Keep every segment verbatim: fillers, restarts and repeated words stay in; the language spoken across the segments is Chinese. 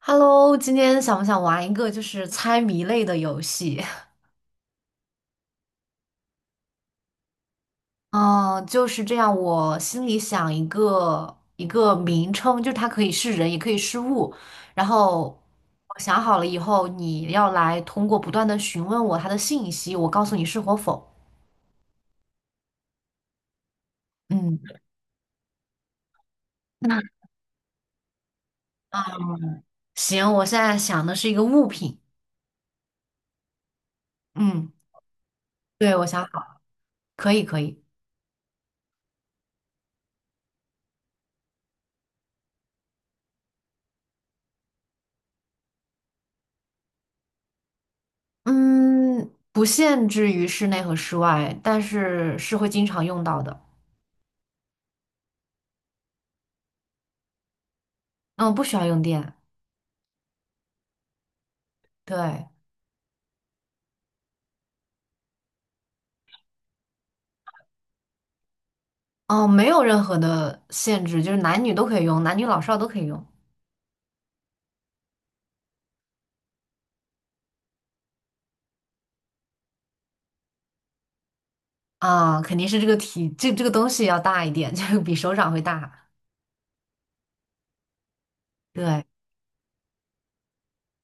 Hello，今天想不想玩一个就是猜谜类的游戏？嗯，就是这样。我心里想一个一个名称，就是它可以是人，也可以是物。然后我想好了以后，你要来通过不断的询问我它的信息，我告诉你是或否。嗯，那啊，行，我现在想的是一个物品。嗯，对，我想好，可以，可以。嗯，不限制于室内和室外，但是是会经常用到的。嗯，不需要用电。对，哦，没有任何的限制，就是男女都可以用，男女老少都可以用啊，肯定是这个体，这这个东西要大一点，就是比手掌会大。对，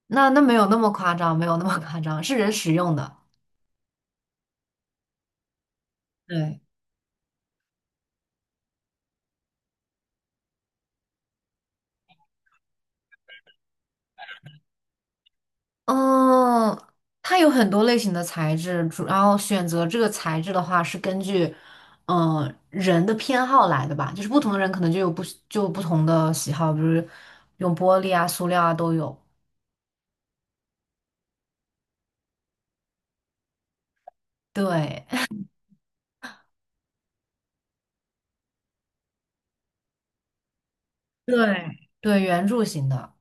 那那没有那么夸张，没有那么夸张，是人使用的。对，嗯，它有很多类型的材质，主要选择这个材质的话是根据，嗯、人的偏好来的吧，就是不同的人可能就有不就有不同的喜好，比如用玻璃啊、塑料啊都有。对，对，对，圆柱形的。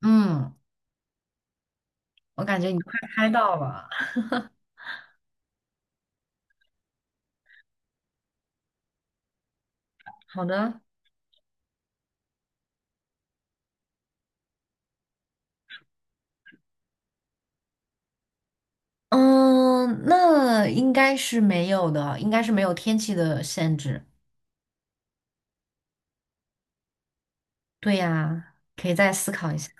嗯，我感觉你快猜到了。好的，嗯，那应该是没有的，应该是没有天气的限制。对呀，可以再思考一下。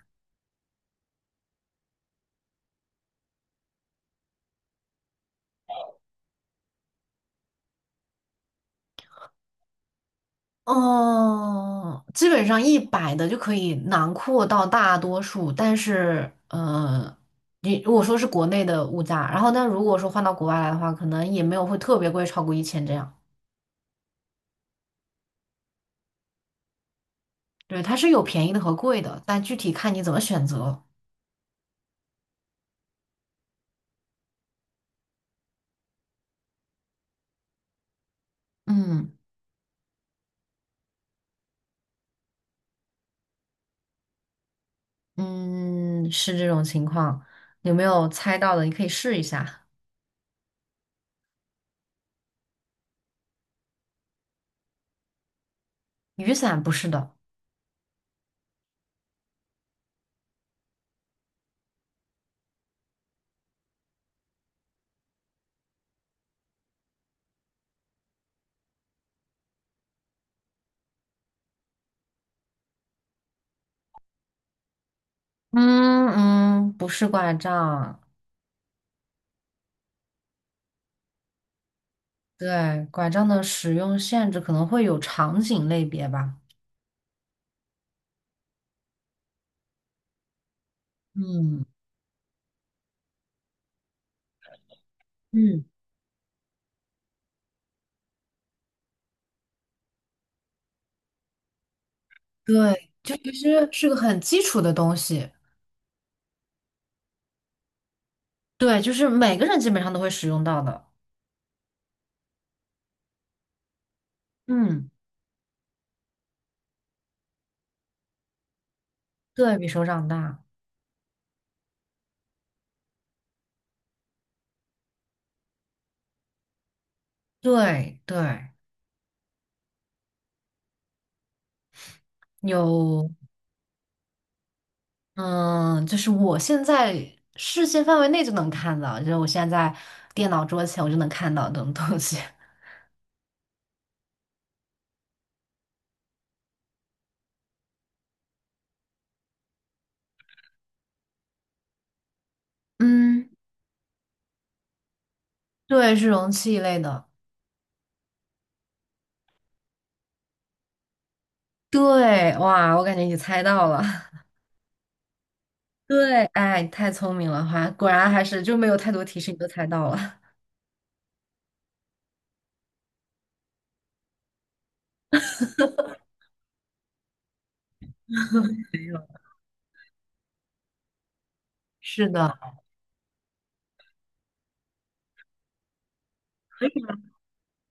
哦，基本上一百的就可以囊括到大多数，但是，呃，你如果说是国内的物价，然后但如果说换到国外来的话，可能也没有会特别贵，超过一千这样。对，它是有便宜的和贵的，但具体看你怎么选择。嗯。嗯，是这种情况，有没有猜到的？你可以试一下。雨伞不是的，嗯嗯，不是拐杖。对，拐杖的使用限制可能会有场景类别吧。嗯嗯，对，就其实是个很基础的东西。对，就是每个人基本上都会使用到的。嗯，对，比手掌大。对对，有。嗯，就是我现在视线范围内就能看到，就是我现在在电脑桌前我就能看到这种东西。嗯，对，是容器一类的。对，哇，我感觉你猜到了。对，哎，你太聪明了，还果然还是就没有太多提示你都猜到了。是的，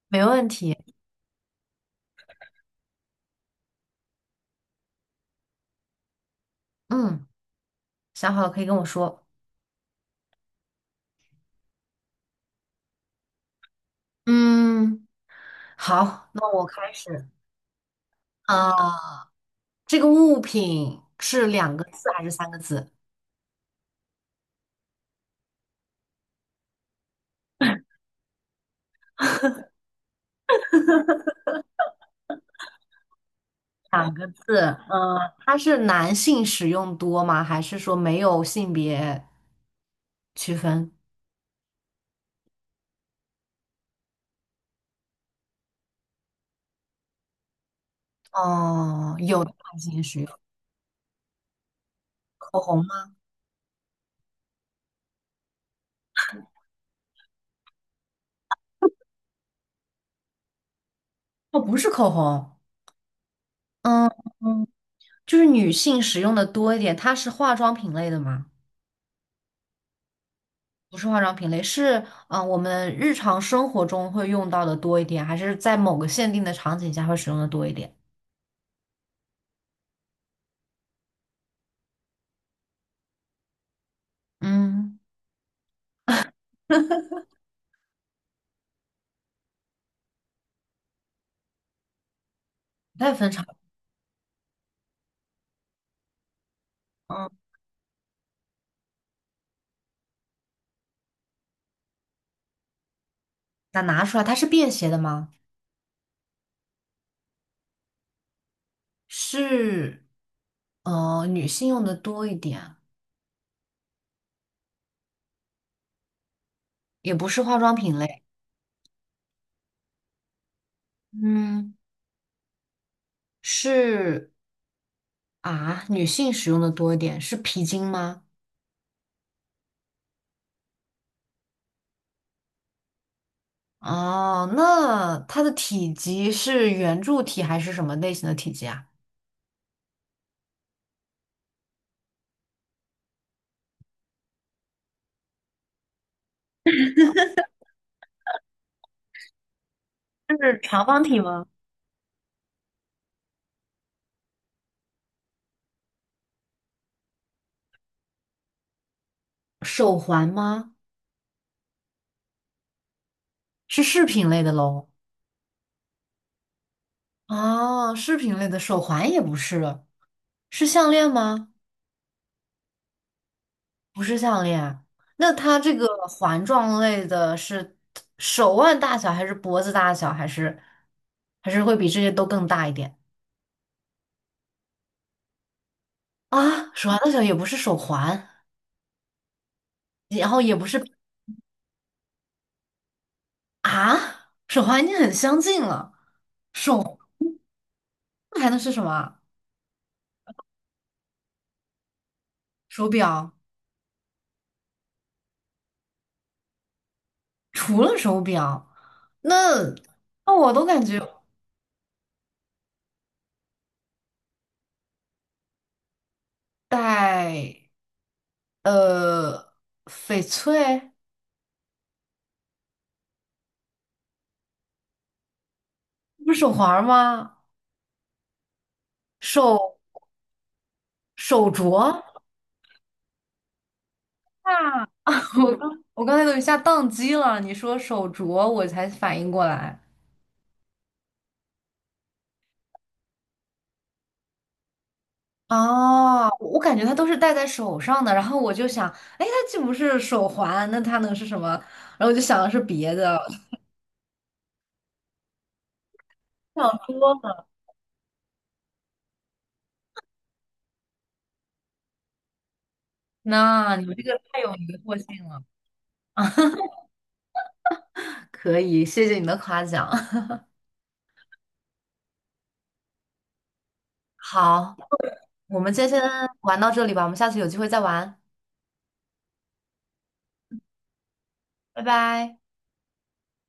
没问题。嗯，想好了可以跟我说。嗯，好，那我开始。啊，这个物品是两个字还是三个字？两个字，嗯，它是男性使用多吗？还是说没有性别区分？哦，有的男性使用口红吗？哦，不是口红，嗯嗯，就是女性使用的多一点。它是化妆品类的吗？不是化妆品类，是嗯、呃我们日常生活中会用到的多一点，还是在某个限定的场景下会使用的多一点？嗯，不太分场。嗯，那拿出来，它是便携的吗？是呃女性用的多一点，也不是化妆品类，嗯，是啊，女性使用的多一点，是皮筋吗？哦，那它的体积是圆柱体还是什么类型的体积啊？是长方体吗？手环吗？是饰品类的喽？哦，饰品类的手环也不是，是项链吗？不是项链。那它这个环状类的是手腕大小，还是脖子大小，还是还是会比这些都更大一点啊？手腕大小也不是手环，然后也不是啊，手环已经很相近了，那还能是什么啊手表，除了手表，那那我都感觉戴呃翡翠不是手环吗？手手镯。啊，我刚我刚才都一下宕机了，你说手镯，我才反应过来。哦，我感觉它都是戴在手上的，然后我就想，哎，它既不是手环，那它能是什么？然后我就想的是别的，想多了。那你这个太有迷惑性了，可以，谢谢你的夸奖。好，我们今天先玩到这里吧，我们下次有机会再玩，拜拜。